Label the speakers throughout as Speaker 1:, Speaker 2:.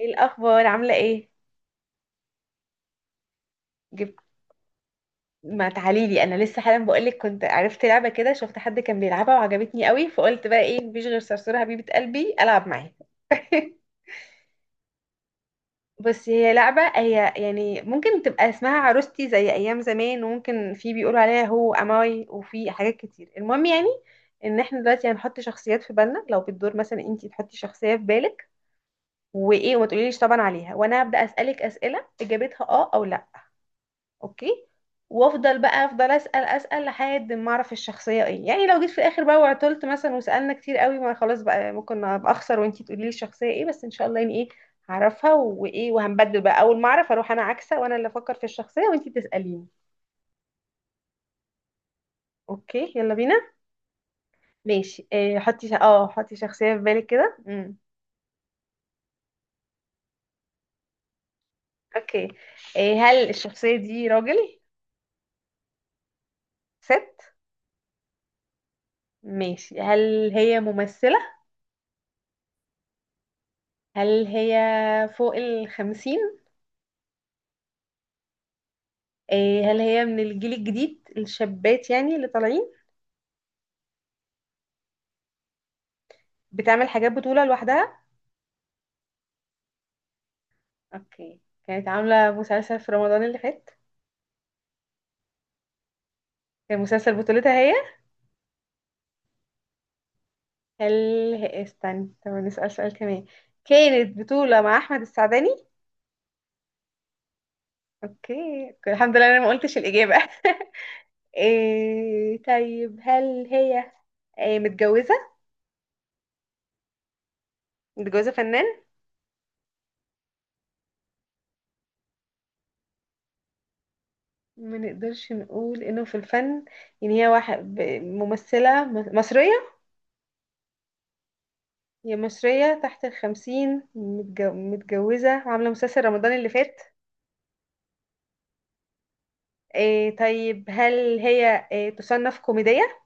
Speaker 1: ايه الاخبار؟ عامله ايه؟ جبت. ما تعالي لي، انا لسه حالا بقولك كنت عرفت لعبه كده، شفت حد كان بيلعبها وعجبتني قوي، فقلت بقى ايه، مفيش غير صرصور حبيبه قلبي العب معاه. بس هي لعبه، هي يعني ممكن تبقى اسمها عروستي زي ايام زمان، وممكن في بيقولوا عليها هو اماي، وفي حاجات كتير، المهم يعني ان احنا دلوقتي هنحط شخصيات في بالنا. لو بتدور مثلا، انتي تحطي شخصيه في بالك، وايه وما تقوليليش طبعا عليها، وانا هبدا اسالك اسئله اجابتها اه او لا. اوكي، وافضل بقى افضل اسال اسال لحد ما اعرف الشخصيه ايه. يعني لو جيت في الاخر بقى وعطلت مثلا وسالنا كتير قوي، ما خلاص بقى ممكن ابقى اخسر وانتي تقولي لي الشخصيه ايه، بس ان شاء الله يعني ايه هعرفها. وايه وهنبدل بقى، اول ما اعرف اروح انا عكسه وانا اللي افكر في الشخصيه وانتي تساليني. اوكي، يلا بينا. ماشي، إيه، حطي حطي شخصيه في بالك كده. اوكي. إيه، هل الشخصيه دي راجل؟ ست؟ ماشي. هل هي ممثله؟ هل هي فوق ال50؟ هل هي من الجيل الجديد، الشابات يعني اللي طالعين؟ بتعمل حاجات بطولة لوحدها؟ اوكي. كانت عاملة مسلسل في رمضان اللي فات؟ كان مسلسل بطولتها هي؟ هل هي- إيه، استنى، طب نسأل سؤال كمان. كانت بطولة مع أحمد السعداني؟ اوكي، الحمد لله انا ما قلتش الإجابة. إيه طيب، هل هي إيه متجوزة؟ متجوزة فنان؟ ما نقدرش نقول انه في الفن يعني؟ هي واحد ممثلة مصرية؟ هي مصرية تحت ال50، متجوزة، وعاملة مسلسل رمضان اللي فات. إيه طيب، هل هي إيه تصنف كوميدية؟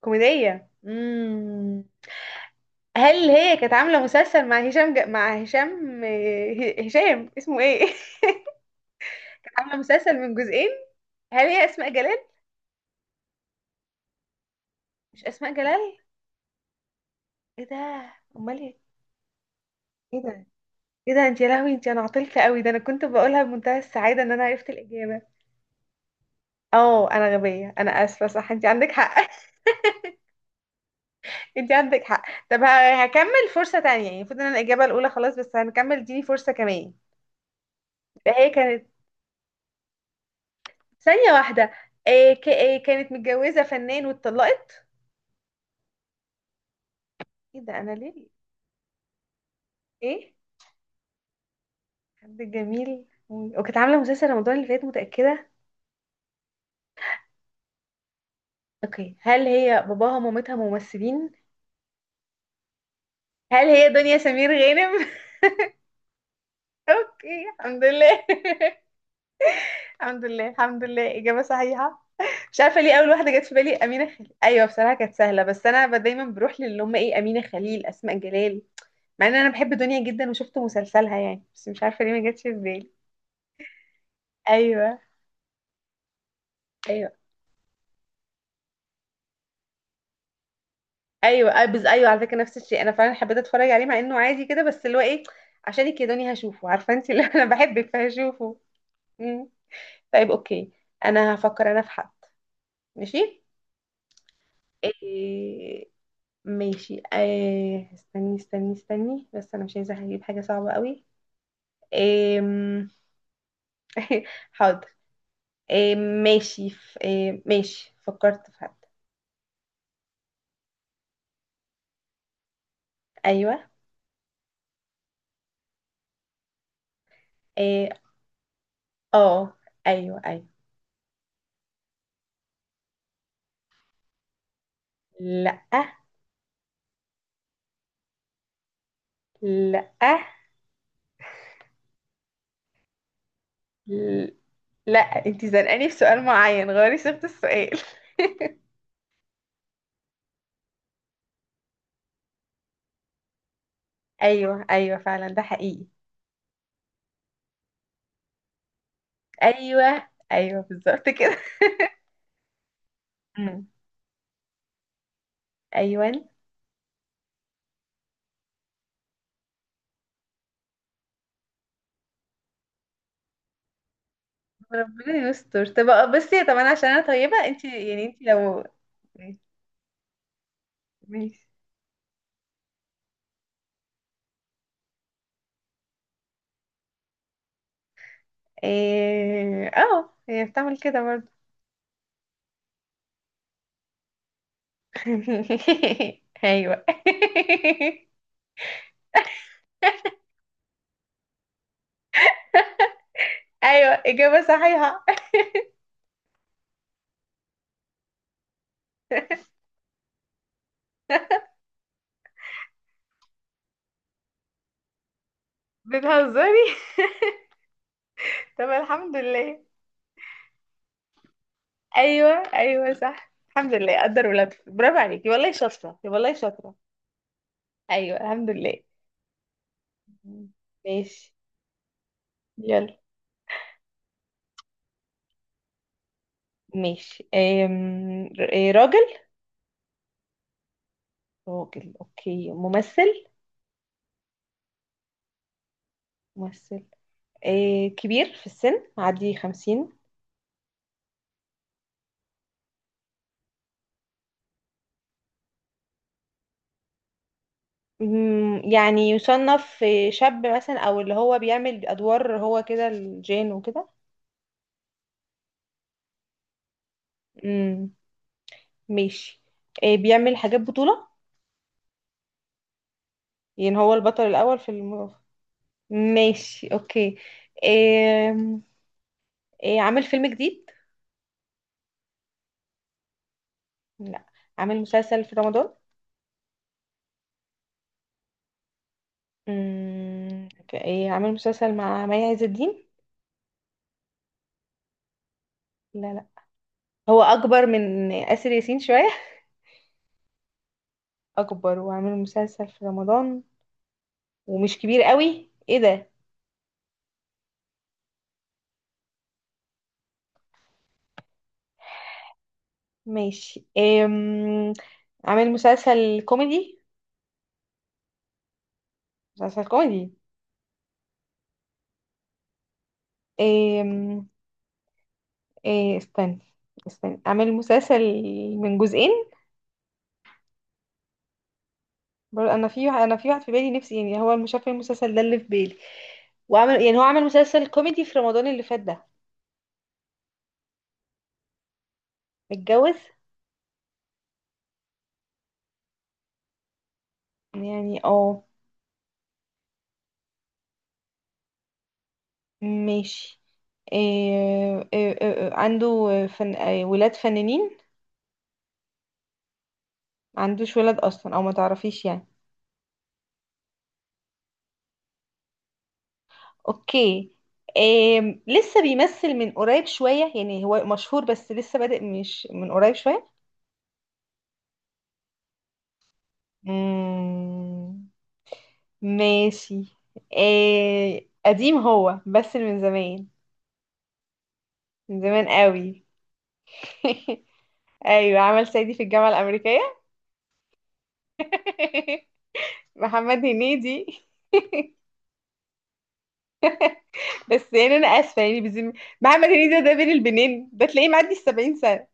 Speaker 1: كوميدية. هل هي كانت عاملة مسلسل مع هشام مع هشام، هشام اسمه ايه؟ كانت عاملة مسلسل من جزئين؟ هل هي أسماء جلال؟ مش أسماء جلال؟ ايه ده؟ أمال ايه؟ ايه ده؟ ايه ده؟ انت يا لهوي انت، انا عطلت قوي ده، انا كنت بقولها بمنتهى السعادة ان انا عرفت الإجابة. اه انا غبية، انا اسفة، صح انت عندك حق، انت عندك حق. طب هكمل فرصة تانية. يعني المفروض ان انا الإجابة الأولى خلاص، بس هنكمل، اديني فرصة كمان. ده هي كانت، ثانية واحدة، إيه كانت متجوزة فنان واتطلقت؟ ايه ده، انا ليه؟ ايه حد جميل، وكانت عاملة مسلسل رمضان اللي فات، متأكدة؟ اوكي. هل هي باباها ومامتها ممثلين؟ هل هي دنيا سمير غانم؟ اوكي الحمد لله. الحمد لله، الحمد لله إجابة صحيحة. مش عارفه ليه اول واحده جت في بالي امينه خليل. ايوه بصراحه كانت سهله، بس انا دايما بروح للي هم ايه، امينه خليل، اسماء جلال. مع ان انا بحب دنيا جدا، وشفت مسلسلها يعني، بس مش عارفه ليه ما جاتش في بالي. ايوه، ايوه. ايوه ايوه, على فكره نفس الشيء، انا فعلا حبيت اتفرج عليه مع انه عادي كده، بس اللي هو ايه، عشانك يا دنيا هشوفه، عارفه انت اللي انا بحبك فهشوفه. مم. طيب اوكي، انا هفكر انا في حد. ماشي، إيه... ماشي، إيه، استني استني استني، بس انا مش عايزه اجيب حاجه صعبه قوي. إيه. حاضر. إيه ماشي، ف... إيه ماشي فكرت في حد. ايوه. إيه اه. ايوه ايوه. لا، لا، لا، انتي زنقاني في سؤال معين، غيري صيغة السؤال. ايوه ايوه فعلا، ده حقيقي. ايوه ايوه بالظبط كده. أمم. ايوه. ربنا يستر. طب آه، بصي، طب انا عشان انا طيبة، انتي يعني انتي لو. ماشي. إيه، اه هي بتعمل كده برضه. ايوه. ايوه اجابه صحيحه. بتهزري؟ طب الحمد لله. ايوه ايوه صح، الحمد لله قدر ولا تقدر. برافو عليكي والله، شاطره والله، شاطره. ايوه الحمد لله. ماشي، يلا. ماشي، أم... ر- إيه، راجل؟ راجل. اوكي، ممثل؟ ممثل. إيه كبير في السن، عادي 50؟ يعني يصنف شاب مثلا، او اللي هو بيعمل ادوار هو كده الجين وكده. امم، ماشي. إيه بيعمل حاجات بطولة؟ يعني هو البطل الاول في ماشي، اوكي. إيه. إيه عامل فيلم جديد؟ لا، عامل مسلسل في رمضان؟ امم. إيه عامل مسلسل مع مي عز الدين؟ لا، لا. هو اكبر من آسر ياسين شوية. اكبر وعامل مسلسل في رمضان، ومش كبير قوي؟ ايه ده. ماشي، عامل مسلسل كوميدي؟ مسلسل كوميدي. أم... إيه استنى، استنى. عامل مسلسل من جزئين؟ برضه انا في واحد في بالي نفسي يعني، هو مش عارفه إيه المسلسل ده اللي في بالي. وعمل يعني، هو عمل مسلسل كوميدي في رمضان اللي فات ده. متجوز؟ يعني اه. ماشي، إيه، عنده فن... آه، ولاد فنانين؟ ما عندوش ولاد اصلا، او ما تعرفيش يعني؟ اوكي. آم، لسه بيمثل من قريب شوية؟ يعني هو مشهور بس لسه بادئ مش من قريب شوية؟ مم، ماشي. آه، قديم هو بس؟ من زمان؟ من زمان قوي؟ ايوه، عمل صعيدي في الجامعة الأمريكية. محمد هنيدي. بس يعني انا اسفه يعني محمد هنيدي ده بين البنين، ده تلاقيه معدي ال70 سنه.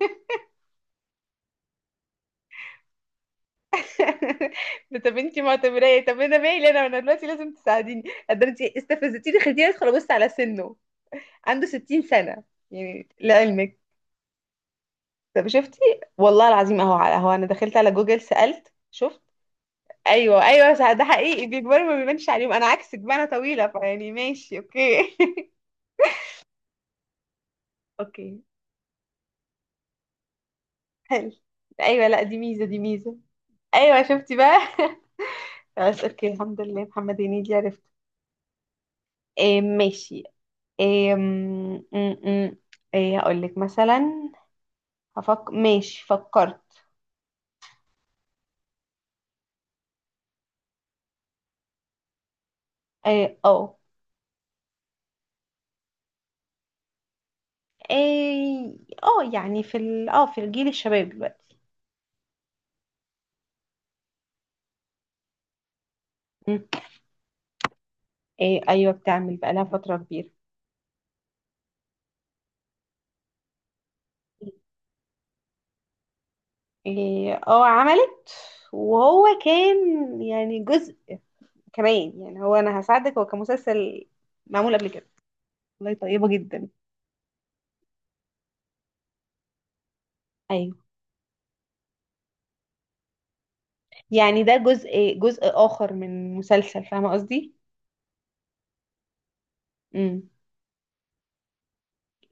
Speaker 1: طب انتي معتبراه ايه؟ طب انا مالي، انا دلوقتي لازم تساعديني. قد انتي استفزتيني، خديني ادخل ابص على سنه. عنده 60 سنه يعني لعلمك. طب شفتي، والله العظيم اهو على اهو، انا دخلت على جوجل سالت شفت. ايوه ايوه صح، ده حقيقي بيكبروا ما بيبانش عليهم، انا عكسك بقى انا طويله، فيعني ماشي اوكي. اوكي، حلو. ايوه، لا دي ميزه، دي ميزه. ايوه شفتي بقى. خلاص اوكي، الحمد لله محمد هنيدي عرفت. إيه ماشي، إيه م- م- إيه هقول لك مثلا. هفك ماشي فكرت. إيه اه. إيه اه، يعني في ال... اه في الجيل الشباب دلوقتي. م. إيه ايوه بتعمل بقالها فترة كبيرة. إيه اه عملت. وهو كان يعني جزء كمان. يعني هو انا هساعدك، هو كان مسلسل معمول قبل كده. والله طيبة جدا. ايوه يعني ده جزء، جزء اخر من مسلسل، فاهمة قصدي؟ مم.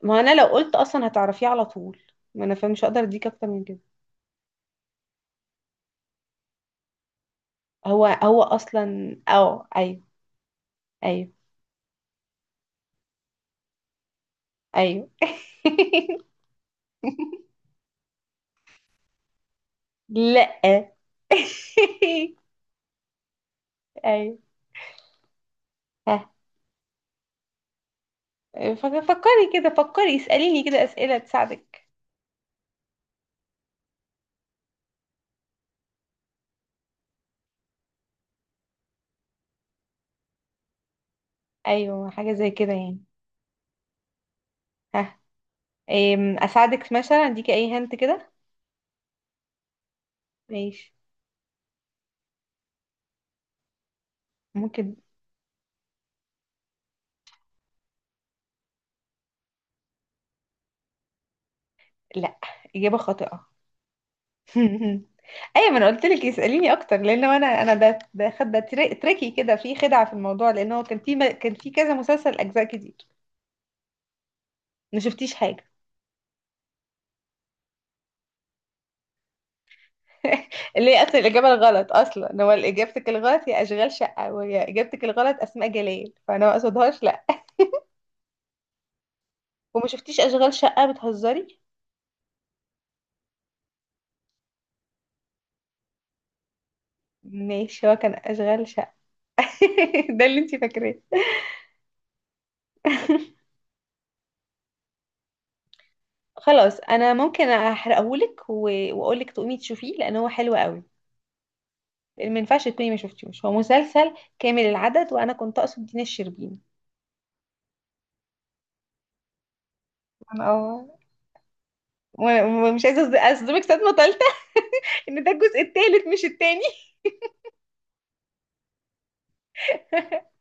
Speaker 1: ما انا لو قلت اصلا هتعرفيه على طول. ما انا فمش هقدر اديك اكتر من كده. هو هو اصلا اه ايوه. ايوه. ايوه. لا. ايوه. ها. فكري كده، فكري اسأليني كده اسئلة تساعدك. ايوه حاجة زي كده يعني. ها. أم، اساعدك مثلا اديكي اي هنت كده. ماشي. ممكن. لا، اجابة خاطئة. ايوه ما انا قلت لك اساليني اكتر، لان انا انا ده خد ده تريكي كده، في خدعه في الموضوع، لان هو كان في كان في كذا مسلسل اجزاء كتير. ما شفتيش حاجه. اللي هي اصلا الاجابه الغلط، اصلا هو اجابتك الغلط هي اشغال شقه، وهي اجابتك الغلط اسماء جلال، فانا ما اقصدهاش لا. وما شفتيش اشغال شقه؟ بتهزري؟ ماشي هو كان اشغال شقه. ده اللي انت فاكراه؟ خلاص انا ممكن احرقهولك واقولك تقومي تشوفيه لان هو حلو قوي. ما ينفعش تكوني ما شفتيهوش، هو مسلسل كامل العدد، وانا كنت اقصد دينا الشربيني. انا اه، و- ومش عايزه اصدمك صدمه ثالثه ان ده الجزء الثالث مش الثاني.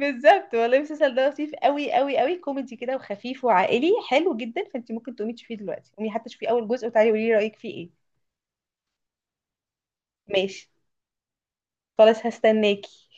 Speaker 1: بالظبط والله، المسلسل ده لطيف قوي قوي قوي، كوميدي كده وخفيف وعائلي، حلو جدا. فانت ممكن تقومي تشوفيه دلوقتي، قومي حتى تشوفي اول جزء، وتعالي قولي لي رايك فيه ايه. ماشي، خلاص هستناكي.